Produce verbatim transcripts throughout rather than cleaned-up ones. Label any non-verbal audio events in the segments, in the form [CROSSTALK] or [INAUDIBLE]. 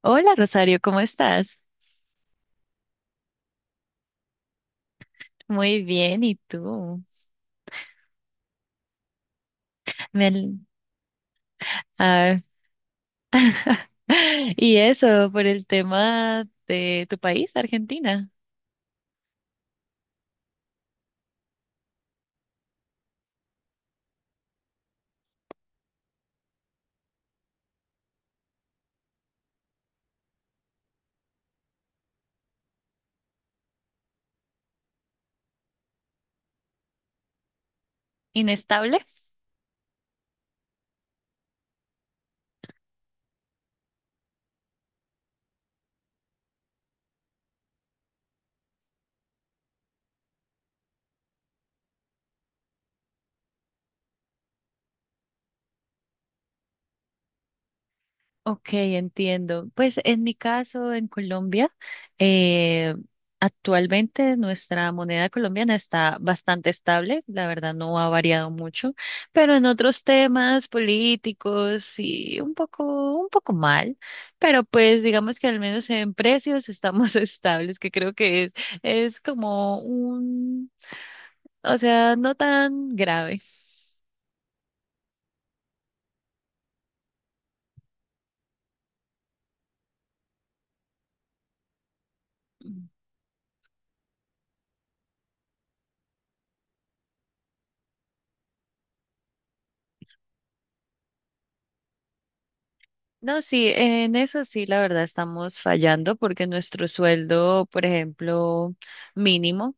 Hola Rosario, ¿cómo estás? Muy bien, ¿y tú? Me al- ah, [LAUGHS] Y eso, por el tema de tu país, Argentina. ¿Inestable? Ok, entiendo. Pues en mi caso, en Colombia, eh, actualmente nuestra moneda colombiana está bastante estable, la verdad no ha variado mucho, pero en otros temas políticos sí un poco, un poco mal, pero pues digamos que al menos en precios estamos [LAUGHS] estables, que creo que es, es como un, o sea, no tan grave. No, sí, en eso sí, la verdad estamos fallando porque nuestro sueldo, por ejemplo, mínimo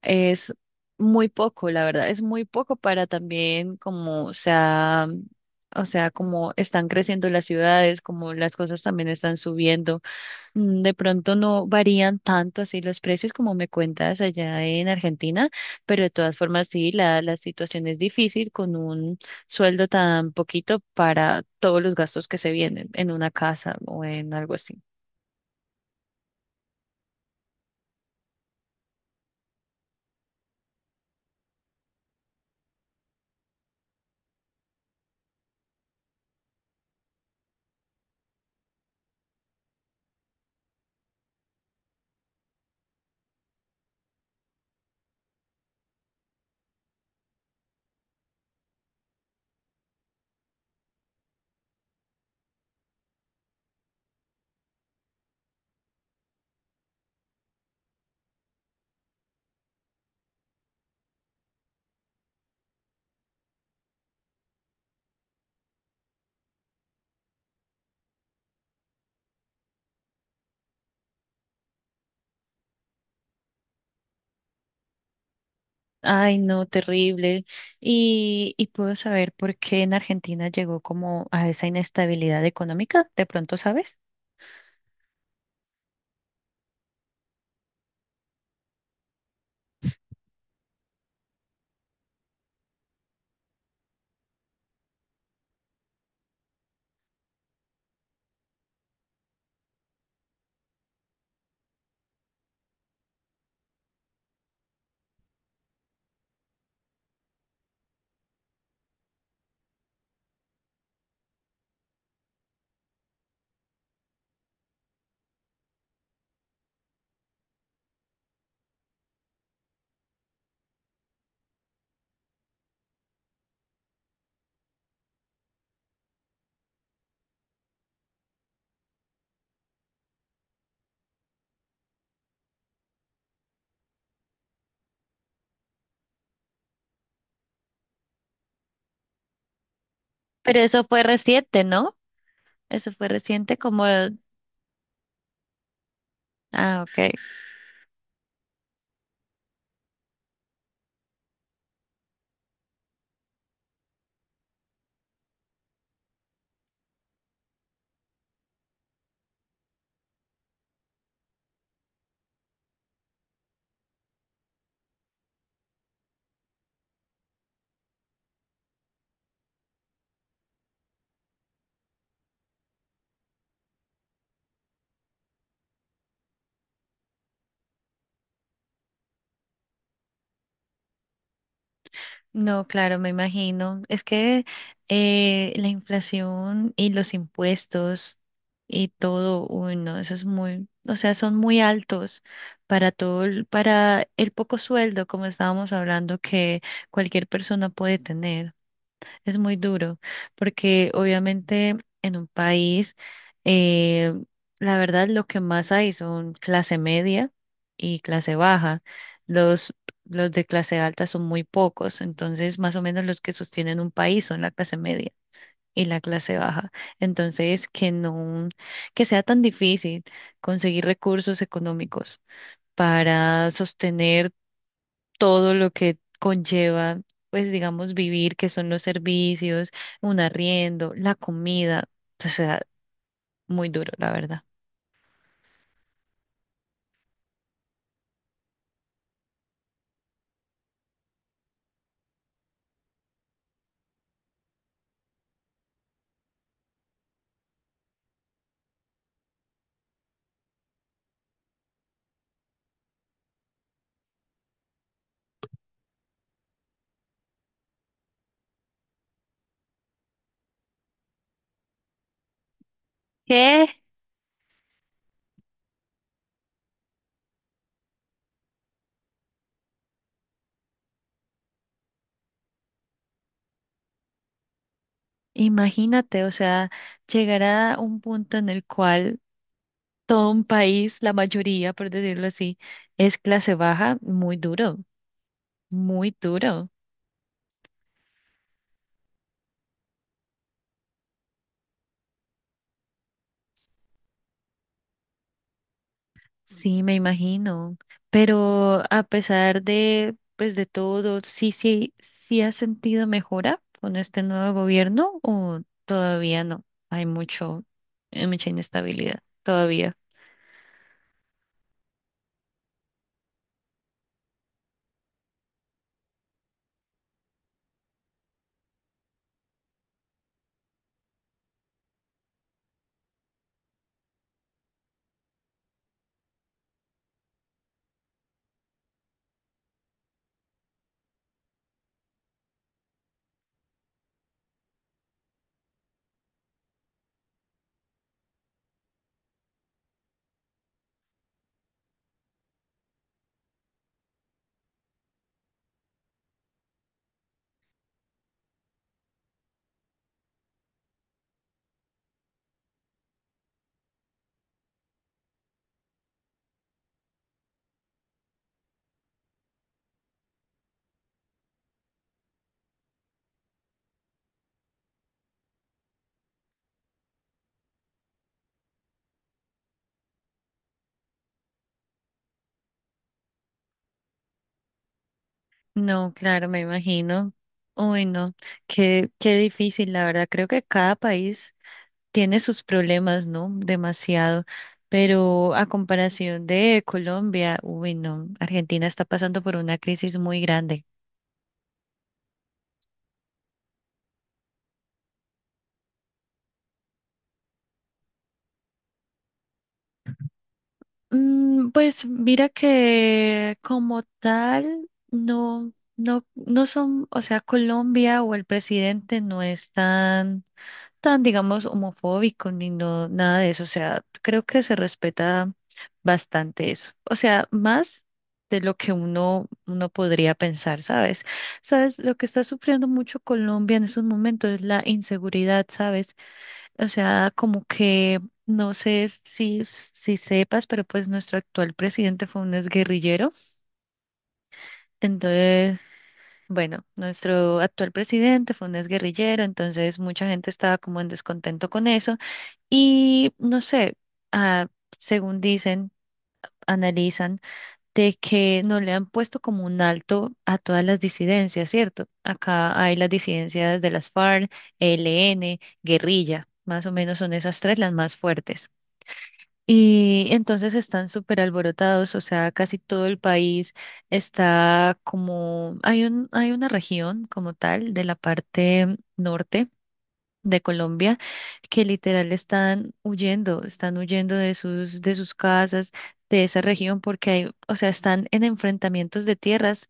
es muy poco, la verdad, es muy poco para también como, o sea, o sea, como están creciendo las ciudades, como las cosas también están subiendo. Mm, de pronto no varían tanto así los precios como me cuentas allá en Argentina, pero de todas formas sí, la, la situación es difícil con un sueldo tan poquito para todos los gastos que se vienen en una casa o en algo así. Ay, no, terrible. Y, y puedo saber por qué en Argentina llegó como a esa inestabilidad económica, de pronto sabes. Pero eso fue reciente, ¿no? Eso fue reciente como... Ah, ok. No, claro, me imagino. Es que eh, la inflación y los impuestos y todo, uy, no, eso es muy, o sea, son muy altos para todo, el- para el poco sueldo, como estábamos hablando, que cualquier persona puede tener. Es muy duro, porque obviamente en un país, eh, la verdad lo que más hay son clase media y clase baja. Los, los de clase alta son muy pocos, entonces más o menos los que sostienen un país son la clase media y la clase baja. Entonces, que no, que sea tan difícil conseguir recursos económicos para sostener todo lo que conlleva, pues digamos, vivir, que son los servicios, un arriendo, la comida, o sea, muy duro, la verdad. ¿Qué? Imagínate, o sea, llegar a un punto en el cual todo un país, la mayoría, por decirlo así, es clase baja, muy duro, muy duro. Sí, me imagino. Pero a pesar de, pues, de todo, sí, sí, sí has sentido mejora con este nuevo gobierno o todavía no. Hay mucho, hay mucha inestabilidad todavía. No, claro, me imagino. Uy, no, qué, qué difícil, la verdad. Creo que cada país tiene sus problemas, ¿no? Demasiado. Pero a comparación de Colombia, uy, no, Argentina está pasando por una crisis muy grande. Mm, pues mira que como tal, no, no, no son, o sea, Colombia o el presidente no es tan, tan, digamos, homofóbico ni no, nada de eso. O sea, creo que se respeta bastante eso. O sea, más de lo que uno, uno podría pensar, ¿sabes? ¿Sabes? Lo que está sufriendo mucho Colombia en esos momentos es la inseguridad, ¿sabes? O sea, como que no sé si, si sepas, pero pues nuestro actual presidente fue un exguerrillero. Entonces, bueno, nuestro actual presidente fue un exguerrillero, entonces mucha gente estaba como en descontento con eso. Y no sé, ah, según dicen, analizan, de que no le han puesto como un alto a todas las disidencias, ¿cierto? Acá hay las disidencias de las F A R C, E L N, guerrilla. Más o menos son esas tres las más fuertes. Y entonces están súper alborotados, o sea, casi todo el país está como, hay un, hay una región como tal de la parte norte de Colombia que literal están huyendo, están huyendo de sus, de sus casas, de esa región, porque hay, o sea, están en enfrentamientos de tierras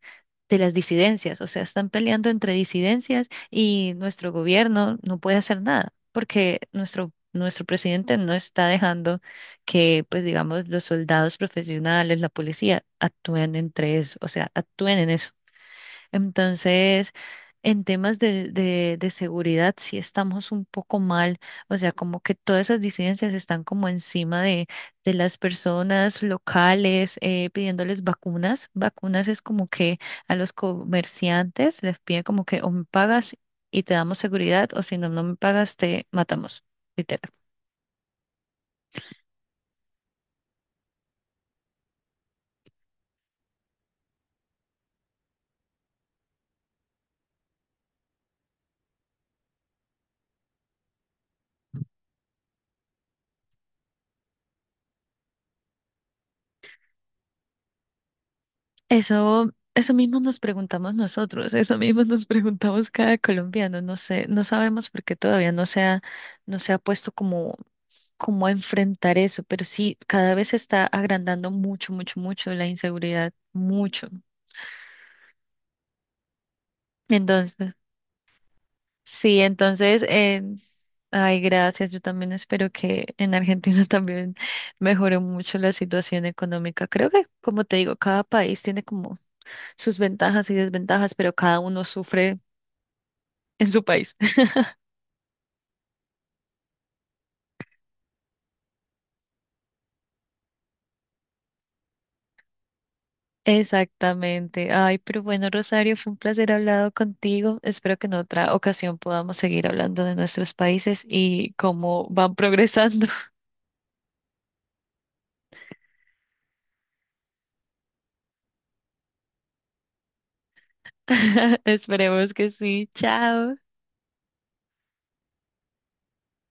de las disidencias, o sea, están peleando entre disidencias y nuestro gobierno no puede hacer nada, porque nuestro Nuestro presidente no está dejando que, pues digamos, los soldados profesionales, la policía, actúen entre eso, o sea, actúen en eso. Entonces, en temas de, de, de seguridad, sí estamos un poco mal, o sea, como que todas esas disidencias están como encima de, de las personas locales, eh, pidiéndoles vacunas. Vacunas es como que a los comerciantes les piden como que o me pagas y te damos seguridad, o si no, no me pagas, te matamos. Literal. Eso, eso mismo nos preguntamos nosotros, eso mismo nos preguntamos cada colombiano, no sé, no sabemos por qué todavía no se ha, no se ha puesto como, como a enfrentar eso, pero sí, cada vez se está agrandando mucho, mucho, mucho la inseguridad, mucho. Entonces, sí, entonces, eh, ay, gracias, yo también espero que en Argentina [LAUGHS] también mejore mucho la situación económica. Creo que, como te digo, cada país tiene como sus ventajas y desventajas, pero cada uno sufre en su país. [LAUGHS] Exactamente. Ay, pero bueno, Rosario, fue un placer hablado contigo. Espero que en otra ocasión podamos seguir hablando de nuestros países y cómo van progresando. [LAUGHS] Esperemos que sí. Chao.